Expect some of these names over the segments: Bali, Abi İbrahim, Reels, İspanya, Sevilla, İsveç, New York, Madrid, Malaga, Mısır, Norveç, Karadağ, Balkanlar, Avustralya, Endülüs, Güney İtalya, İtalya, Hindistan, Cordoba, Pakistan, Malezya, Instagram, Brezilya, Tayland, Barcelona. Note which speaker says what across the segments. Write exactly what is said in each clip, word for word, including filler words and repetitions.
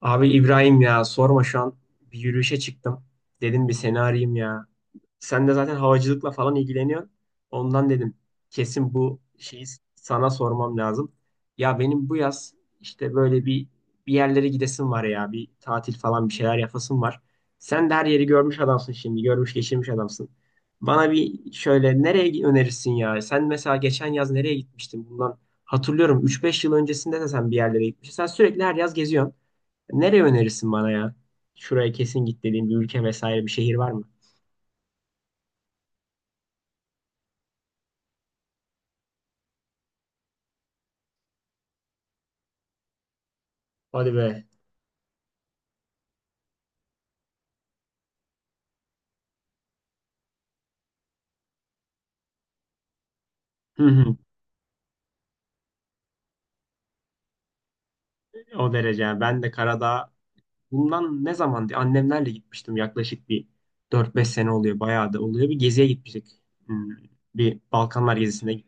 Speaker 1: Abi İbrahim ya sorma şu an bir yürüyüşe çıktım. Dedim bir seni arayayım ya. Sen de zaten havacılıkla falan ilgileniyorsun. Ondan dedim kesin bu şeyi sana sormam lazım. Ya benim bu yaz işte böyle bir bir yerlere gidesim var ya. Bir tatil falan bir şeyler yapasım var. Sen de her yeri görmüş adamsın şimdi. Görmüş geçirmiş adamsın. Bana bir şöyle nereye önerirsin ya? Sen mesela geçen yaz nereye gitmiştin? Bundan hatırlıyorum üç beş yıl öncesinde de sen bir yerlere gitmiştin. Sen sürekli her yaz geziyorsun. Nereye önerirsin bana ya? Şuraya kesin git dediğin bir ülke vesaire bir şehir var mı? Hadi be. Hı hı. O derece. Ben de Karadağ bundan ne zaman annemlerle gitmiştim. Yaklaşık bir dört beş sene oluyor. Bayağı da oluyor. Bir geziye gitmiştik. Hmm, Bir Balkanlar gezisine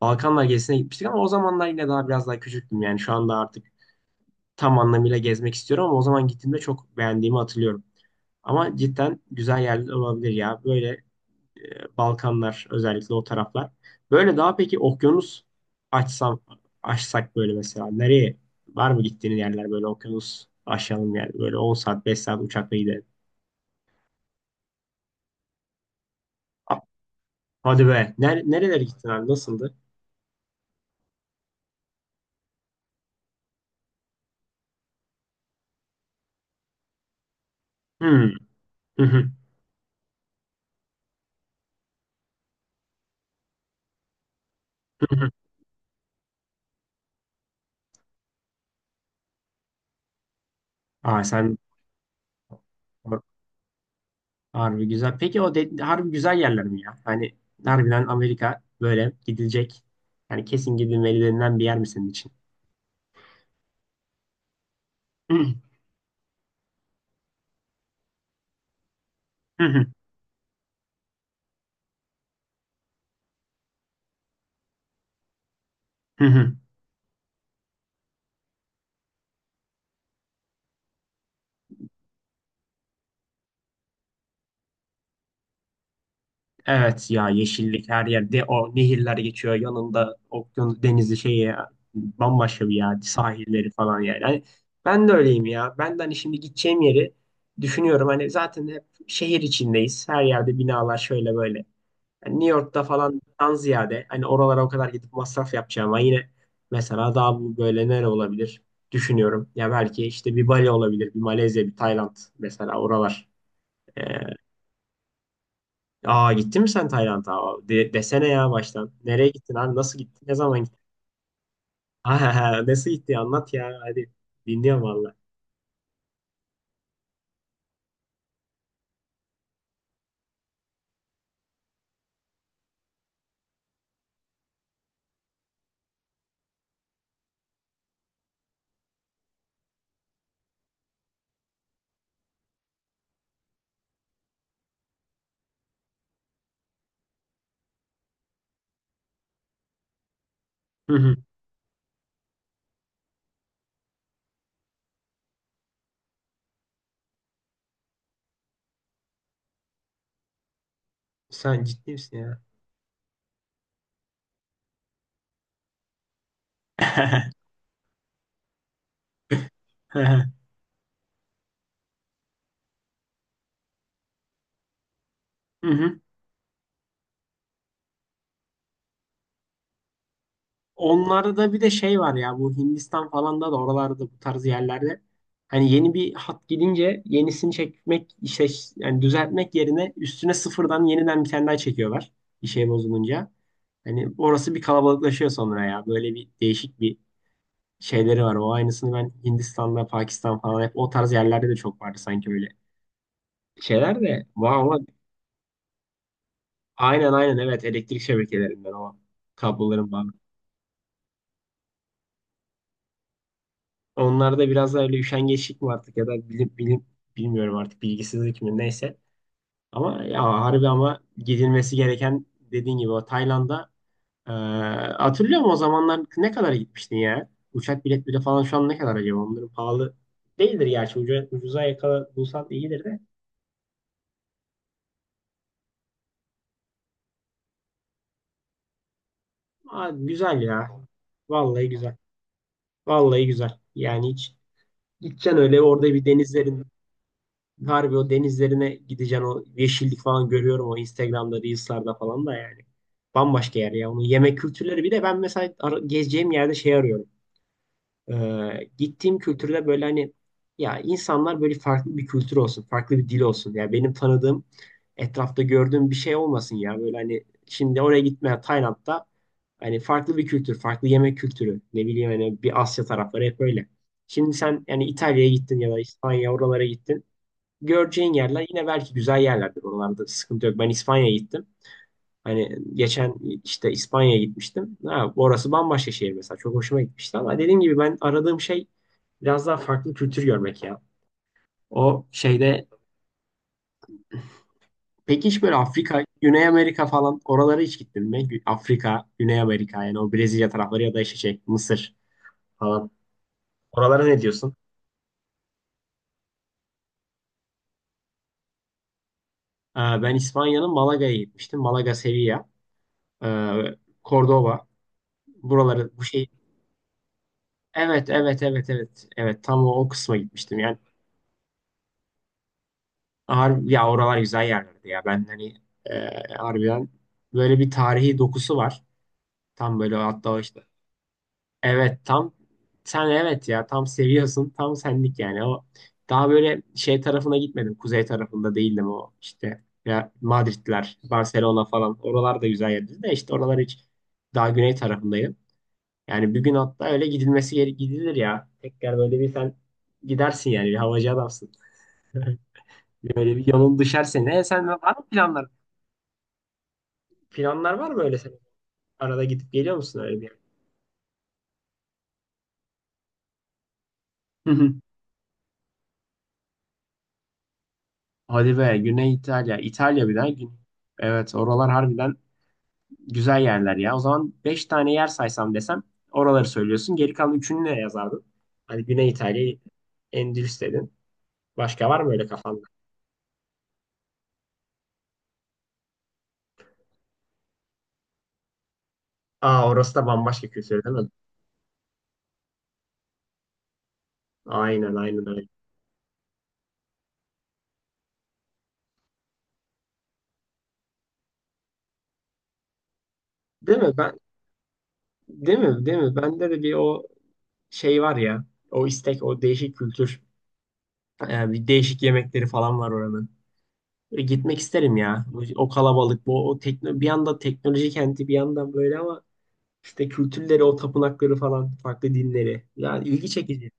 Speaker 1: Balkanlar gezisine gitmiştik ama o zamanlar yine daha biraz daha küçüktüm. Yani şu anda artık tam anlamıyla gezmek istiyorum ama o zaman gittiğimde çok beğendiğimi hatırlıyorum. Ama cidden güzel yerler olabilir ya. Böyle e, Balkanlar özellikle o taraflar. Böyle daha peki okyanus açsam açsak böyle mesela nereye var mı gittiğin yerler böyle okyanus aşalım yani böyle on saat beş saat uçakla gidelim. A- Hadi be. Ner nerelere gittin abi? Nasıldı? Hmm. Hı hı. Hı hı. Aa sen har- harbi güzel. Peki o de, harbi güzel yerler mi ya? Hani harbiden Amerika böyle gidilecek. Yani kesin gidilmeli denilen bir yer mi senin için? Hı hı. Hı hı. Hı hı. Evet ya, yeşillik her yerde, o nehirler geçiyor yanında, okyanus denizi şey ya, bambaşka bir yer, sahilleri falan yani. Hani ben de öyleyim ya, ben de hani şimdi gideceğim yeri düşünüyorum, hani zaten hep şehir içindeyiz, her yerde binalar şöyle böyle. Hani New York'ta falandan ziyade hani oralara o kadar gidip masraf yapacağım ama yine mesela daha bu böyle nere olabilir düşünüyorum. Ya belki işte bir Bali olabilir, bir Malezya, bir Tayland mesela oralar. Ee, Aa gittin mi sen Tayland'a? Aa, De desene ya baştan. Nereye gittin abi? Nasıl gittin? Ne zaman gittin? Aa, nasıl gitti? Anlat ya. Hadi. Dinliyorum valla. Hı hı. Sen ciddi misin ya? Hı hı. Onlarda bir de şey var ya, bu Hindistan falan da da oralarda, bu tarz yerlerde hani yeni bir hat gidince yenisini çekmek işte, yani düzeltmek yerine üstüne sıfırdan yeniden bir tane daha çekiyorlar bir şey bozulunca. Hani orası bir kalabalıklaşıyor sonra ya, böyle bir değişik bir şeyleri var. O aynısını ben Hindistan'da, Pakistan falan hep o tarz yerlerde de çok vardı sanki, öyle şeyler de var ama. Aynen aynen, evet, elektrik şebekelerinden, o kabloların bağlı. Onlarda biraz da öyle üşengeçlik mi artık, ya da bilim, bilim bilmiyorum artık, bilgisizlik mi, neyse. Ama ya harbi, ama gidilmesi gereken dediğin gibi o Tayland'a, eee hatırlıyor musun o zamanlar ne kadara gitmiştin ya? Uçak biletleri falan şu an ne kadar acaba? Onların pahalı değildir gerçi. Ucu, ucuza yakala, bulsan iyidir de. Abi güzel ya. Vallahi güzel. Vallahi güzel. Yani hiç, gideceksin öyle orada bir denizlerin, harbi o denizlerine gideceksin, o yeşillik falan görüyorum o Instagram'da, Reels'larda falan da yani. Bambaşka yer ya. Onun yemek kültürleri bir de, ben mesela ar- gezeceğim yerde şey arıyorum. Ee, gittiğim kültürde böyle hani ya, insanlar böyle, farklı bir kültür olsun, farklı bir dil olsun. Ya benim tanıdığım, etrafta gördüğüm bir şey olmasın ya. Böyle hani şimdi oraya gitmeye, Tayland'da hani farklı bir kültür, farklı yemek kültürü. Ne bileyim, hani bir Asya tarafları hep öyle. Şimdi sen yani İtalya'ya gittin ya da İspanya, oralara gittin. Göreceğin yerler yine belki güzel yerlerdir. Oralarda sıkıntı yok. Ben İspanya'ya gittim. Hani geçen işte İspanya'ya gitmiştim. Ha, orası bambaşka şehir mesela. Çok hoşuma gitmişti ama dediğim gibi ben aradığım şey biraz daha farklı kültür görmek ya. O şeyde, peki hiç böyle Afrika, Güney Amerika falan oralara hiç gittin mi? Gü- Afrika, Güney Amerika, yani o Brezilya tarafları ya da işte şey Mısır falan. Oralara ne diyorsun? Ee, ben İspanya'nın Malaga'ya gitmiştim. Malaga, Sevilla, e, Cordoba. Buraları bu şey, evet, evet, evet, evet. Evet, tam o, o kısma gitmiştim. Yani harbi, ya oralar güzel yerlerdi ya. Ben hani e, harbiden böyle bir tarihi dokusu var. Tam böyle hatta o işte, evet tam sen, evet ya tam seviyorsun, tam senlik yani o. Daha böyle şey tarafına gitmedim, kuzey tarafında değildim, o işte ya Madridler, Barcelona falan, oralar da güzel yerdi de, işte oralar hiç, daha güney tarafındayım yani. Bir gün hatta öyle gidilmesi gere- gidilir ya tekrar, böyle bir sen gidersin yani, bir havacı adamsın. Böyle bir yolun düşer, ne sen var mı planlar, planlar var mı öyle, sen arada gidip geliyor musun öyle bir yer? Hadi be Güney İtalya. İtalya bir daha. Gün... Evet oralar harbiden güzel yerler ya. O zaman beş tane yer saysam desem, oraları söylüyorsun. Geri kalan üçünü ne yazardın? Hani Güney İtalya'yı, Endülüs dedin. Başka var mı öyle kafanda? Aa, orası da bambaşka kültür değil mi? Aynen aynen, öyle. Değil mi? Ben, değil mi? Değil mi? Bende de bir o şey var ya. O istek, o değişik kültür. Ee, bir değişik yemekleri falan var oranın. E, Gitmek isterim ya. O o kalabalık, bu o tekno bir yanda teknoloji kenti, bir yandan böyle ama işte kültürleri, o tapınakları falan, farklı dinleri. Yani ilgi çekici.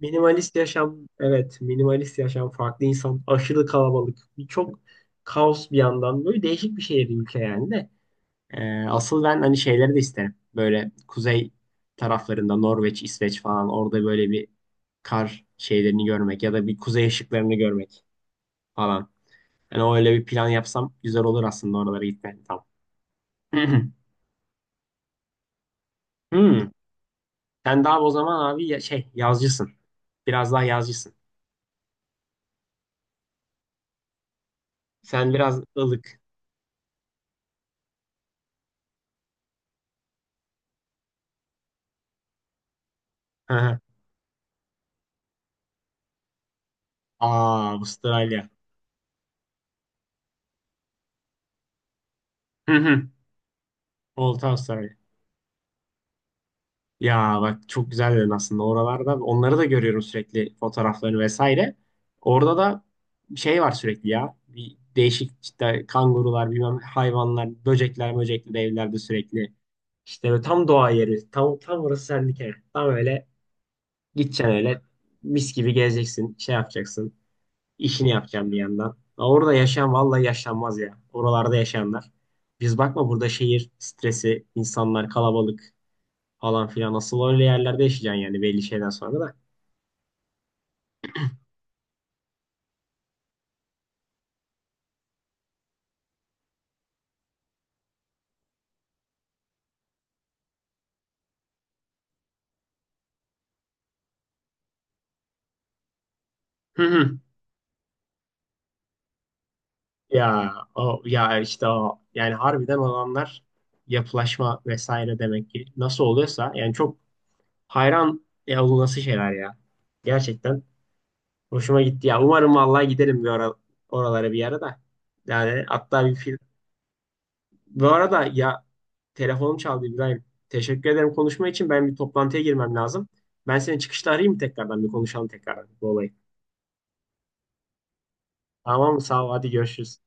Speaker 1: Minimalist yaşam, evet, minimalist yaşam, farklı insan, aşırı kalabalık, birçok kaos bir yandan. Böyle değişik bir şehir, ülke yani de. E, asıl ben hani şeyleri de isterim. Böyle kuzey taraflarında Norveç, İsveç falan, orada böyle bir kar şeylerini görmek ya da bir kuzey ışıklarını görmek falan. Yani o öyle bir plan yapsam güzel olur aslında, oralara gitmek. Tamam. Hmm. Sen daha o zaman abi ya- şey yazcısın. Biraz daha yazcısın. Sen biraz ılık. Aa, Avustralya. Hı hı. Olta Avustralya. Ya bak çok güzel dedin aslında oralarda. Onları da görüyorum sürekli, fotoğraflarını vesaire. Orada da şey var sürekli ya. Bir değişik işte kangurular, bilmem hayvanlar, böcekler, böcekli evlerde sürekli. İşte böyle tam doğa yeri. Tam, tam orası sendike. Tam öyle, gideceksin öyle mis gibi gezeceksin, şey yapacaksın, işini yapacaksın bir yandan. Ha, orada yaşayan vallahi yaşanmaz ya, oralarda yaşayanlar. Biz bakma burada şehir stresi, insanlar kalabalık falan filan. Nasıl öyle yerlerde yaşayacaksın yani belli şeyden sonra da. Hı hı. Ya o ya işte o, yani harbiden olanlar, yapılaşma vesaire demek ki nasıl oluyorsa, yani çok hayran ya bu nasıl şeyler ya. Gerçekten hoşuma gitti ya. Umarım vallahi gidelim bir ara, oralara bir yere de, yani hatta bir film. Bu arada ya telefonum çaldı İbrahim. Teşekkür ederim konuşma için. Ben bir toplantıya girmem lazım. Ben seni çıkışta arayayım mı tekrardan, bir konuşalım tekrardan bu olayı. Tamam mı? Sağ ol. Hadi görüşürüz.